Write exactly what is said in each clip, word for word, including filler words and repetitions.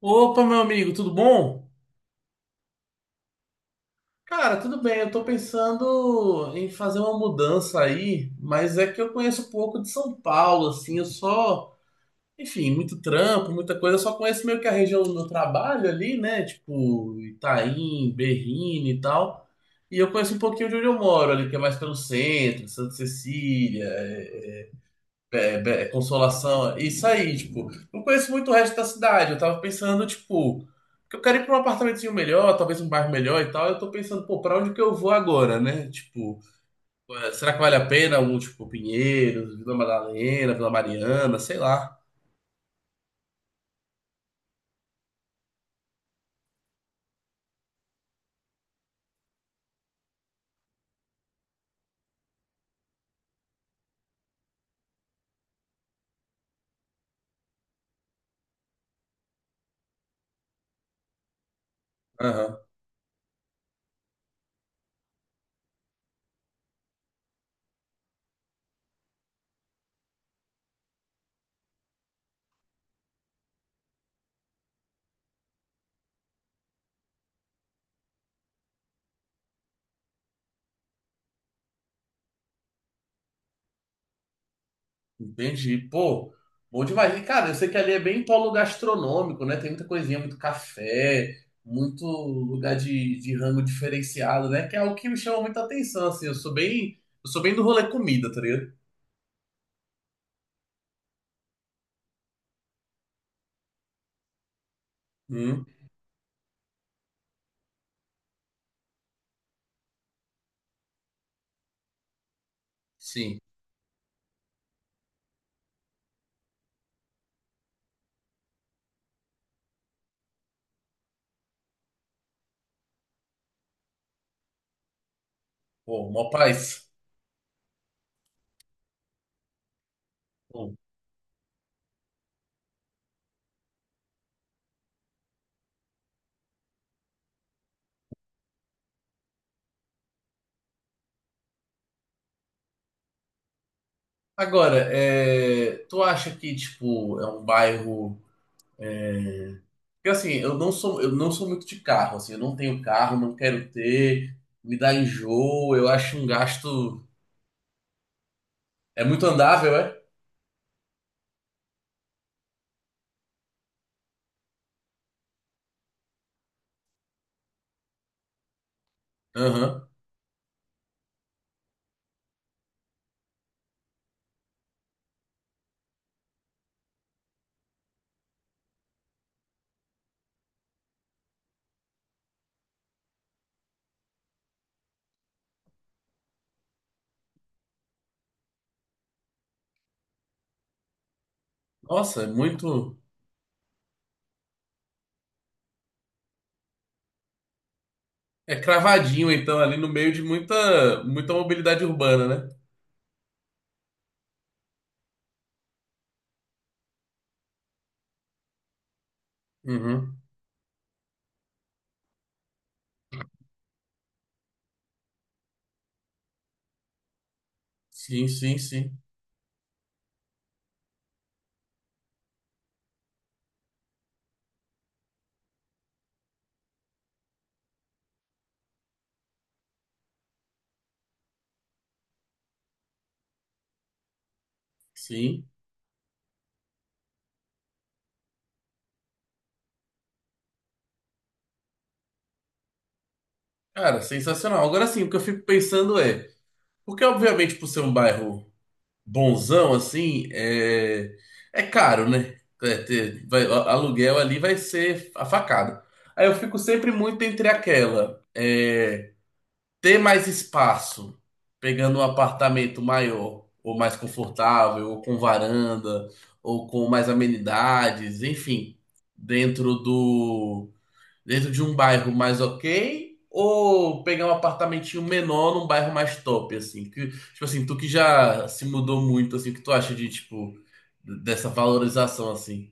Opa, meu amigo, tudo bom? Cara, tudo bem. Eu tô pensando em fazer uma mudança aí, mas é que eu conheço pouco de São Paulo, assim, eu só, enfim, muito trampo, muita coisa, eu só conheço meio que a região do meu trabalho ali, né? Tipo, Itaim, Berrini e tal. E eu conheço um pouquinho de onde eu moro ali, que é mais pelo centro, Santa Cecília, é, é, Be- Consolação, isso aí, tipo, não conheço muito o resto da cidade. Eu tava pensando, tipo, que eu quero ir pra um apartamentozinho melhor, talvez um bairro melhor e tal. Eu tô pensando, pô, pra onde que eu vou agora, né? Tipo, eh, será que vale a pena algum, tipo, Pinheiros, Vila Madalena, Vila Mariana, sei lá. Entendi. Pô, bom demais. E, cara, eu sei que ali é bem polo gastronômico, né? Tem muita coisinha, muito café, muito lugar de, de rango diferenciado, né? Que é algo que me chama muita atenção, assim. Eu sou bem, eu sou bem do rolê comida, tá ligado? Hum, sim. Pô, mó paz. Bom. Agora, é, tu acha que, tipo, é um bairro... Porque, assim, eu não sou, eu não sou muito de carro, assim. Eu não tenho carro, não quero ter. Me dá enjoo, eu acho um gasto... É muito andável, é? Aham. Nossa, é muito. É cravadinho, então, ali no meio de muita, muita mobilidade urbana, né? Uhum. Sim, sim, sim. Sim. Cara, sensacional. Agora sim, o que eu fico pensando é, porque obviamente por ser um bairro bonzão, assim, é, é caro, né? É, ter- vai- a- aluguel ali vai ser a facada. Aí eu fico sempre muito entre aquela. É, ter mais espaço, pegando um apartamento maior, ou mais confortável, ou com varanda, ou com mais amenidades, enfim, dentro do dentro de um bairro mais ok, ou pegar um apartamentinho menor num bairro mais top, assim, que tipo assim, tu que já se mudou muito, assim, o que tu acha de tipo dessa valorização assim?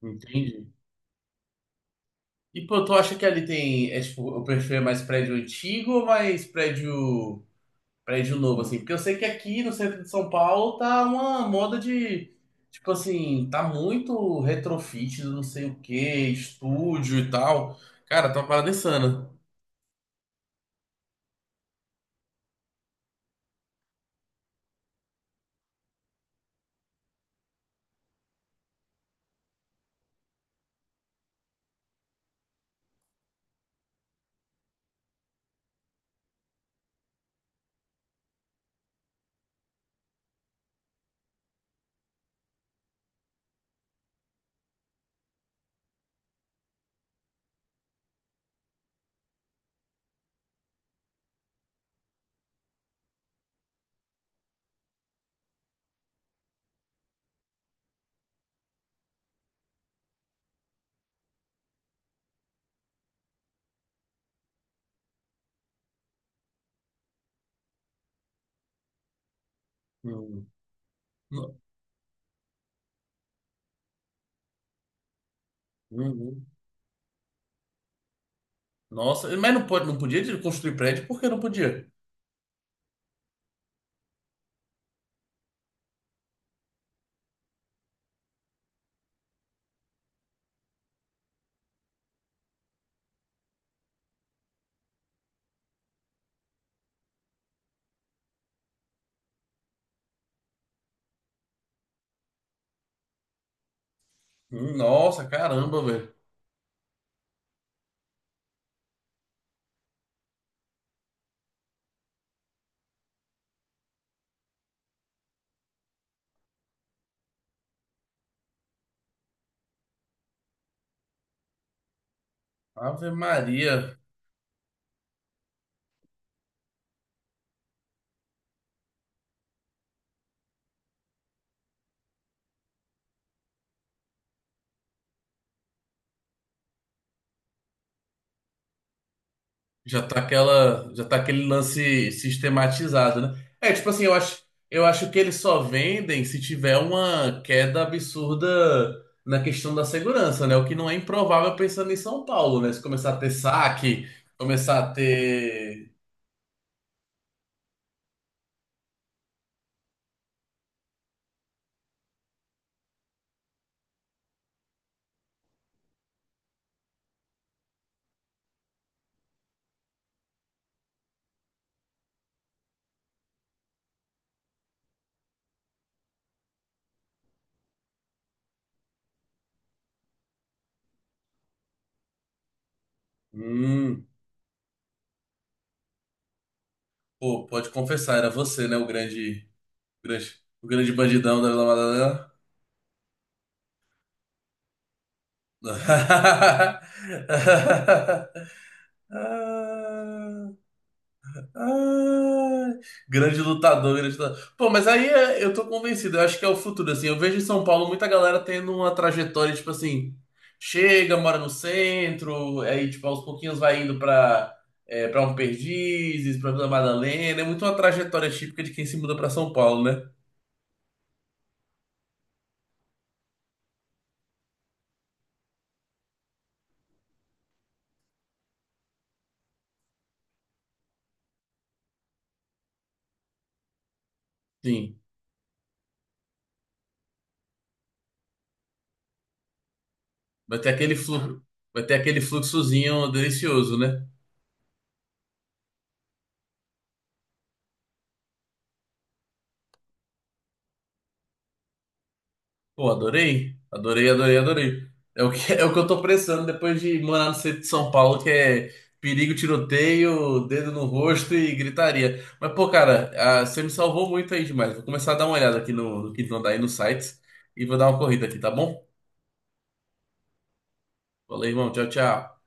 Entende? E pô, tu acha que ali tem, é, tipo, o perfil é mais prédio antigo ou mais prédio prédio novo, assim. Porque eu sei que aqui no centro de São Paulo tá uma moda de, tipo assim, tá muito retrofit, não sei o que estúdio e tal. Cara, tá uma parada insana. Hum. No- uhum. Nossa, mas não pode, não podia construir prédio porque não podia. Hum, Nossa, caramba, velho. Ave Maria. Já tá aquela, já tá aquele lance sistematizado, né? É, tipo assim, eu acho, eu acho que eles só vendem se tiver uma queda absurda na questão da segurança, né? O que não é improvável pensando em São Paulo, né? Se começar a ter saque, começar a ter. Hum, pô, pode confessar, era você, né? O grande, grande, o grande bandidão da Vila Madalena. Ah. Ah, grande lutador, grande lutador. Pô, mas aí é- eu tô convencido, eu acho que é o futuro, assim. Eu vejo em São Paulo muita galera tendo uma trajetória, tipo assim, chega, mora no centro, aí, tipo, aos pouquinhos vai indo pra, é, pra um Perdizes, pra Vila Madalena. É muito uma trajetória típica de quem se muda pra São Paulo, né? Sim, vai ter aquele fluxo, vai ter aquele fluxozinho delicioso, né? Pô, adorei. Adorei, adorei, adorei. É o que, é o que eu tô precisando depois de morar no centro de São Paulo, que é perigo, tiroteio, dedo no rosto e gritaria. Mas, pô, cara, ah, você me salvou muito aí demais. Vou começar a dar uma olhada aqui no, no que vão dar aí nos sites e vou dar uma corrida aqui, tá bom? Valeu, irmão. Tchau, tchau.